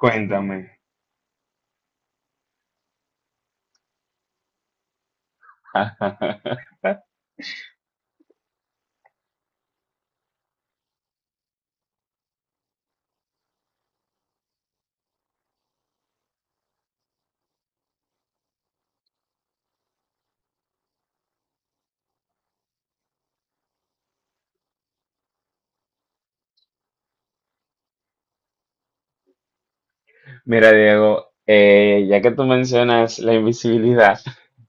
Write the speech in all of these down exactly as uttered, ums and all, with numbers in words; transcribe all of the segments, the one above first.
Cuéntame. Mira, Diego, eh, ya que tú mencionas la invisibilidad,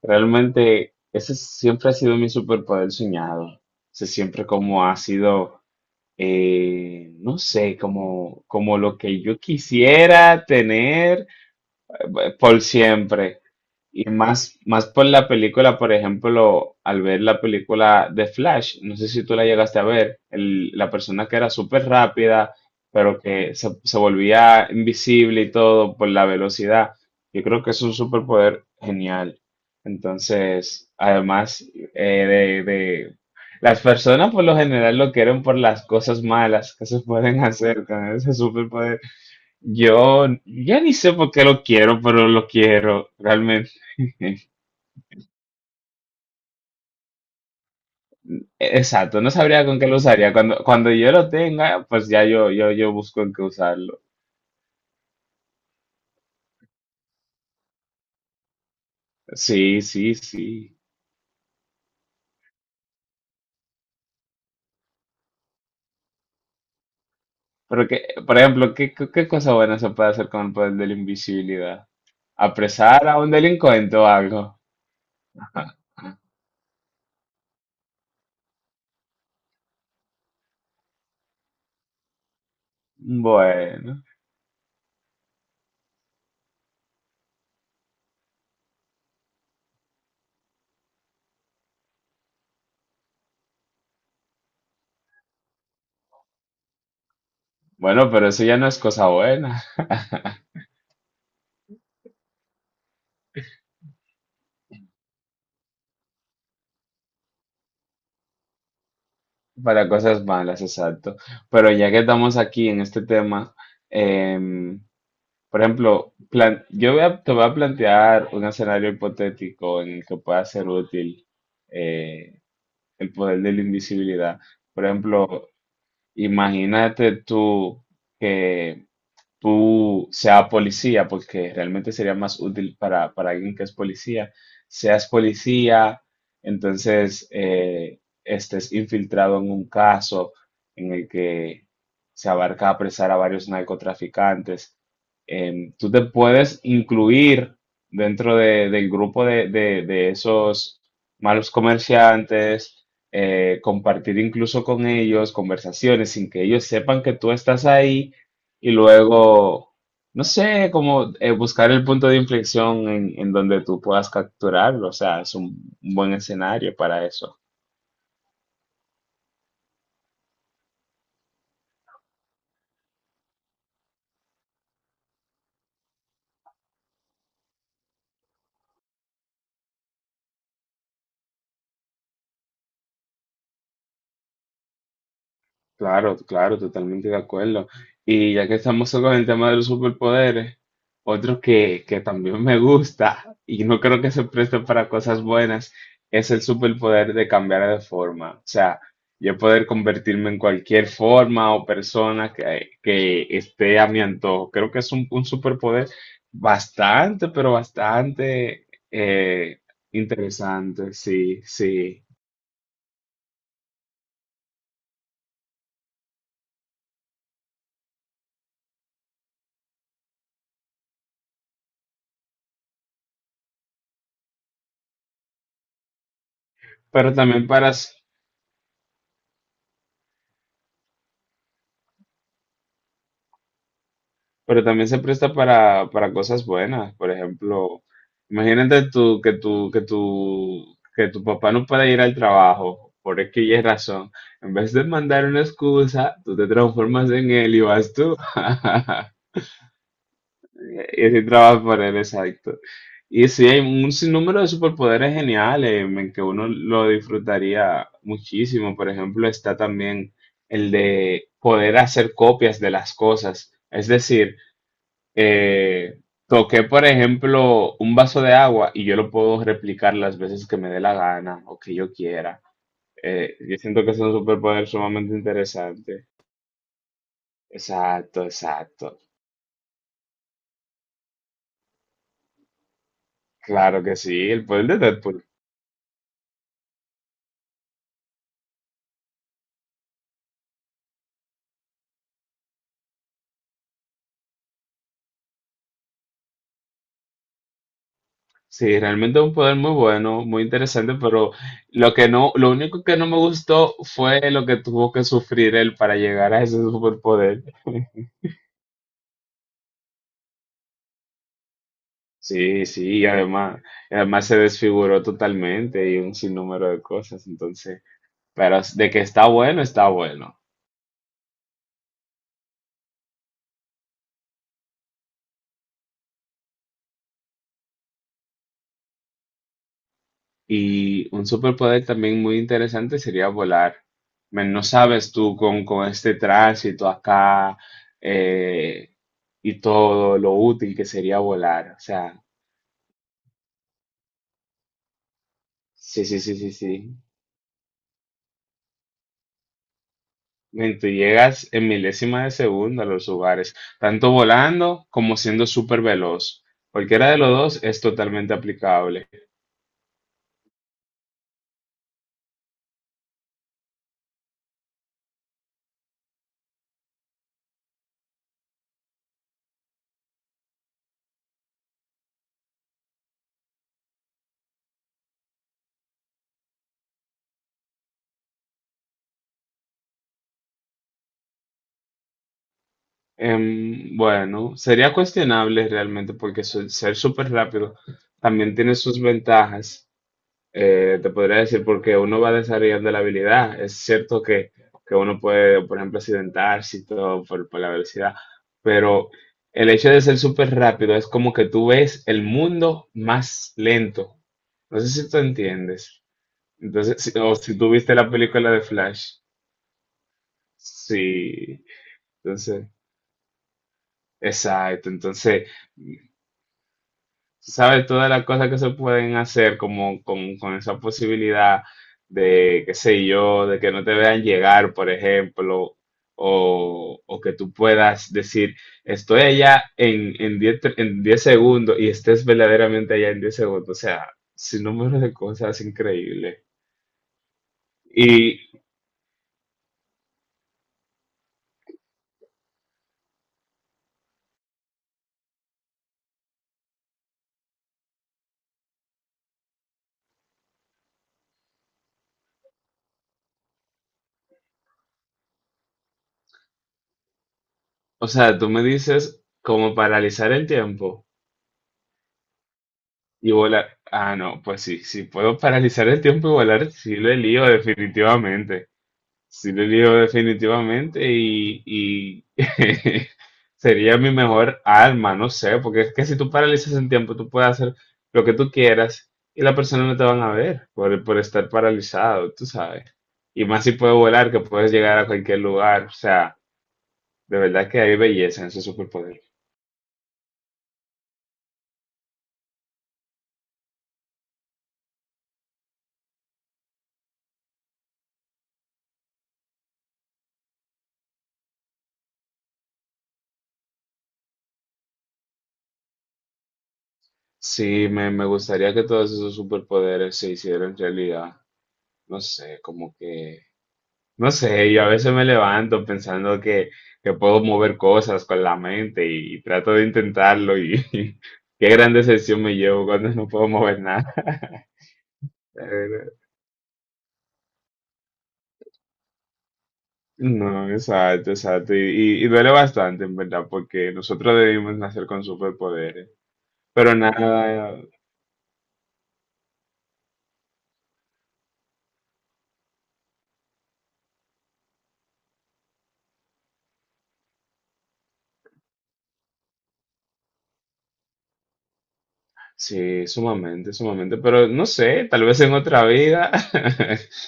realmente ese siempre ha sido mi superpoder soñado. O siempre como ha sido, eh, no sé, como, como lo que yo quisiera tener eh, por siempre. Y más, más por la película, por ejemplo, al ver la película de Flash, no sé si tú la llegaste a ver, el- la persona que era súper rápida, pero que se, se volvía invisible y todo por la velocidad. Yo creo que es un superpoder genial. Entonces, además eh, de, de- las personas por lo general lo quieren por las cosas malas que se pueden hacer con ese superpoder. Yo ya ni sé por qué lo quiero, pero lo quiero realmente. E-, Exacto, no sabría con qué lo usaría. Cuando, cuando yo lo tenga, pues ya yo, yo, yo busco en qué usarlo. Sí, sí, sí. Porque, por ejemplo, ¿qué, qué, qué cosa buena se puede hacer con pues, el poder de la invisibilidad? ¿Apresar a un delincuente o algo? Bueno, bueno, pero eso ya no es cosa buena. Para cosas malas, exacto. Pero ya que estamos aquí en este tema, em, Por ejemplo, plan- yo voy a, te voy a plantear un escenario hipotético en el que pueda ser útil eh, el poder de la invisibilidad. Por ejemplo, imagínate tú que tú sea policía, porque realmente sería más útil para, para alguien que es policía, seas policía, entonces eh, estés infiltrado en un caso en el que se abarca apresar a varios narcotraficantes. Em, tú te puedes incluir dentro de- del grupo de, de- de esos malos comerciantes, eh, compartir incluso con ellos conversaciones sin que ellos sepan que tú estás ahí y luego, no sé, como eh, buscar el punto de inflexión en, en donde tú puedas capturarlo. O sea, es un un buen escenario para eso. Claro, claro, totalmente de acuerdo. Y ya que estamos con el tema de los superpoderes, otro que, que también me gusta y no creo que se preste para cosas buenas es el superpoder de cambiar de forma. O sea, yo poder convertirme en cualquier forma o persona que, que esté a mi antojo. Creo que es un, un superpoder bastante, pero bastante eh, interesante, sí, sí. Pero también para, s- Pero también se presta para, para cosas buenas. Por ejemplo, imagínate tú que tu, que tu, que tu papá no pueda ir al trabajo por X y razón. En vez de mandar una excusa, tú te transformas en él y vas tú. Y así trabajas por él, exacto. Y sí, hay un sinnúmero de superpoderes geniales en que uno lo disfrutaría muchísimo. Por ejemplo, está también el de poder hacer copias de las cosas. Es decir, eh, toqué, por ejemplo, un vaso de agua y yo lo puedo replicar las veces que me dé la gana o que yo quiera. Eh, yo siento que es un superpoder sumamente interesante. Exacto, exacto. Claro que sí, el poder de Deadpool. Sí, realmente es un poder muy bueno, muy interesante, pero lo que no, lo único que no me gustó fue lo que tuvo que sufrir él para llegar a ese superpoder. Sí, sí, y además, y además, se desfiguró totalmente y un sinnúmero de cosas, entonces. Pero de que está bueno, está bueno. Y un superpoder también muy interesante sería volar. Men, no sabes tú con, con este tránsito acá eh, y todo lo útil que sería volar. O sea, sí, sí, sí, sí, sí. Men, tú llegas en milésima de segundo a los lugares, tanto volando como siendo súper veloz. Cualquiera de los dos es totalmente aplicable. Em, bueno, sería cuestionable realmente porque su- ser súper rápido también tiene sus ventajas. Eh, te podría decir porque uno va desarrollando la habilidad. Es cierto que, que uno puede, por ejemplo, accidentarse y todo por, por la velocidad, pero el hecho de ser súper rápido es como que tú ves el mundo más lento. No sé si tú entiendes. Entonces, si- o si tú viste la película de Flash. Sí, entonces, exacto. Entonces. Sabes, todas las cosas que se pueden hacer como con, con esa posibilidad de, qué sé yo, de que no te vean llegar, por ejemplo, o, o que tú puedas decir, estoy allá en, en diez tre- en diez segundos y estés verdaderamente allá en diez segundos. O sea, sin número de cosas increíbles. Y, o sea, tú me dices como paralizar el tiempo y volar. Ah, no, pues sí, si puedo paralizar el tiempo y volar, sí lo lío definitivamente. Sí, le digo definitivamente y, y sería mi mejor arma, no sé, porque es que si tú paralizas el tiempo, tú puedes hacer lo que tú quieras y la persona no te van a ver por, por estar paralizado, tú sabes. Y más si puedes volar, que puedes llegar a cualquier lugar, o sea, de verdad que hay belleza en ese superpoder. Sí, me, me gustaría que todos esos superpoderes se hicieran realidad, no sé, como que. No sé, yo a veces me levanto pensando que, que puedo mover cosas con la mente y, trato de intentarlo y, qué gran decepción me llevo cuando no puedo mover nada. Pero, No, exacto, exacto. Y, y- y duele bastante, en verdad, porque nosotros debimos nacer con superpoderes. Pero nada, sí, sumamente, sumamente. Pero no sé, tal vez en otra vida.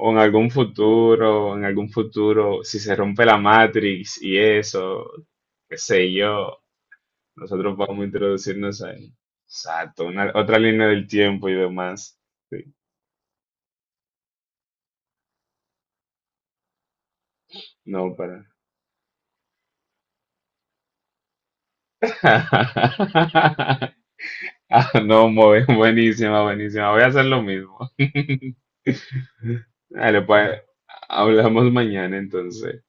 O en algún futuro, en algún futuro, si se rompe la Matrix y eso, qué sé yo, nosotros podemos introducirnos ahí. Exacto, una- otra línea del tiempo y demás. Sí, no, para. Ah, no, muy- buenísima, buenísima. Voy a hacer lo mismo. Dale, pues, hablamos mañana entonces.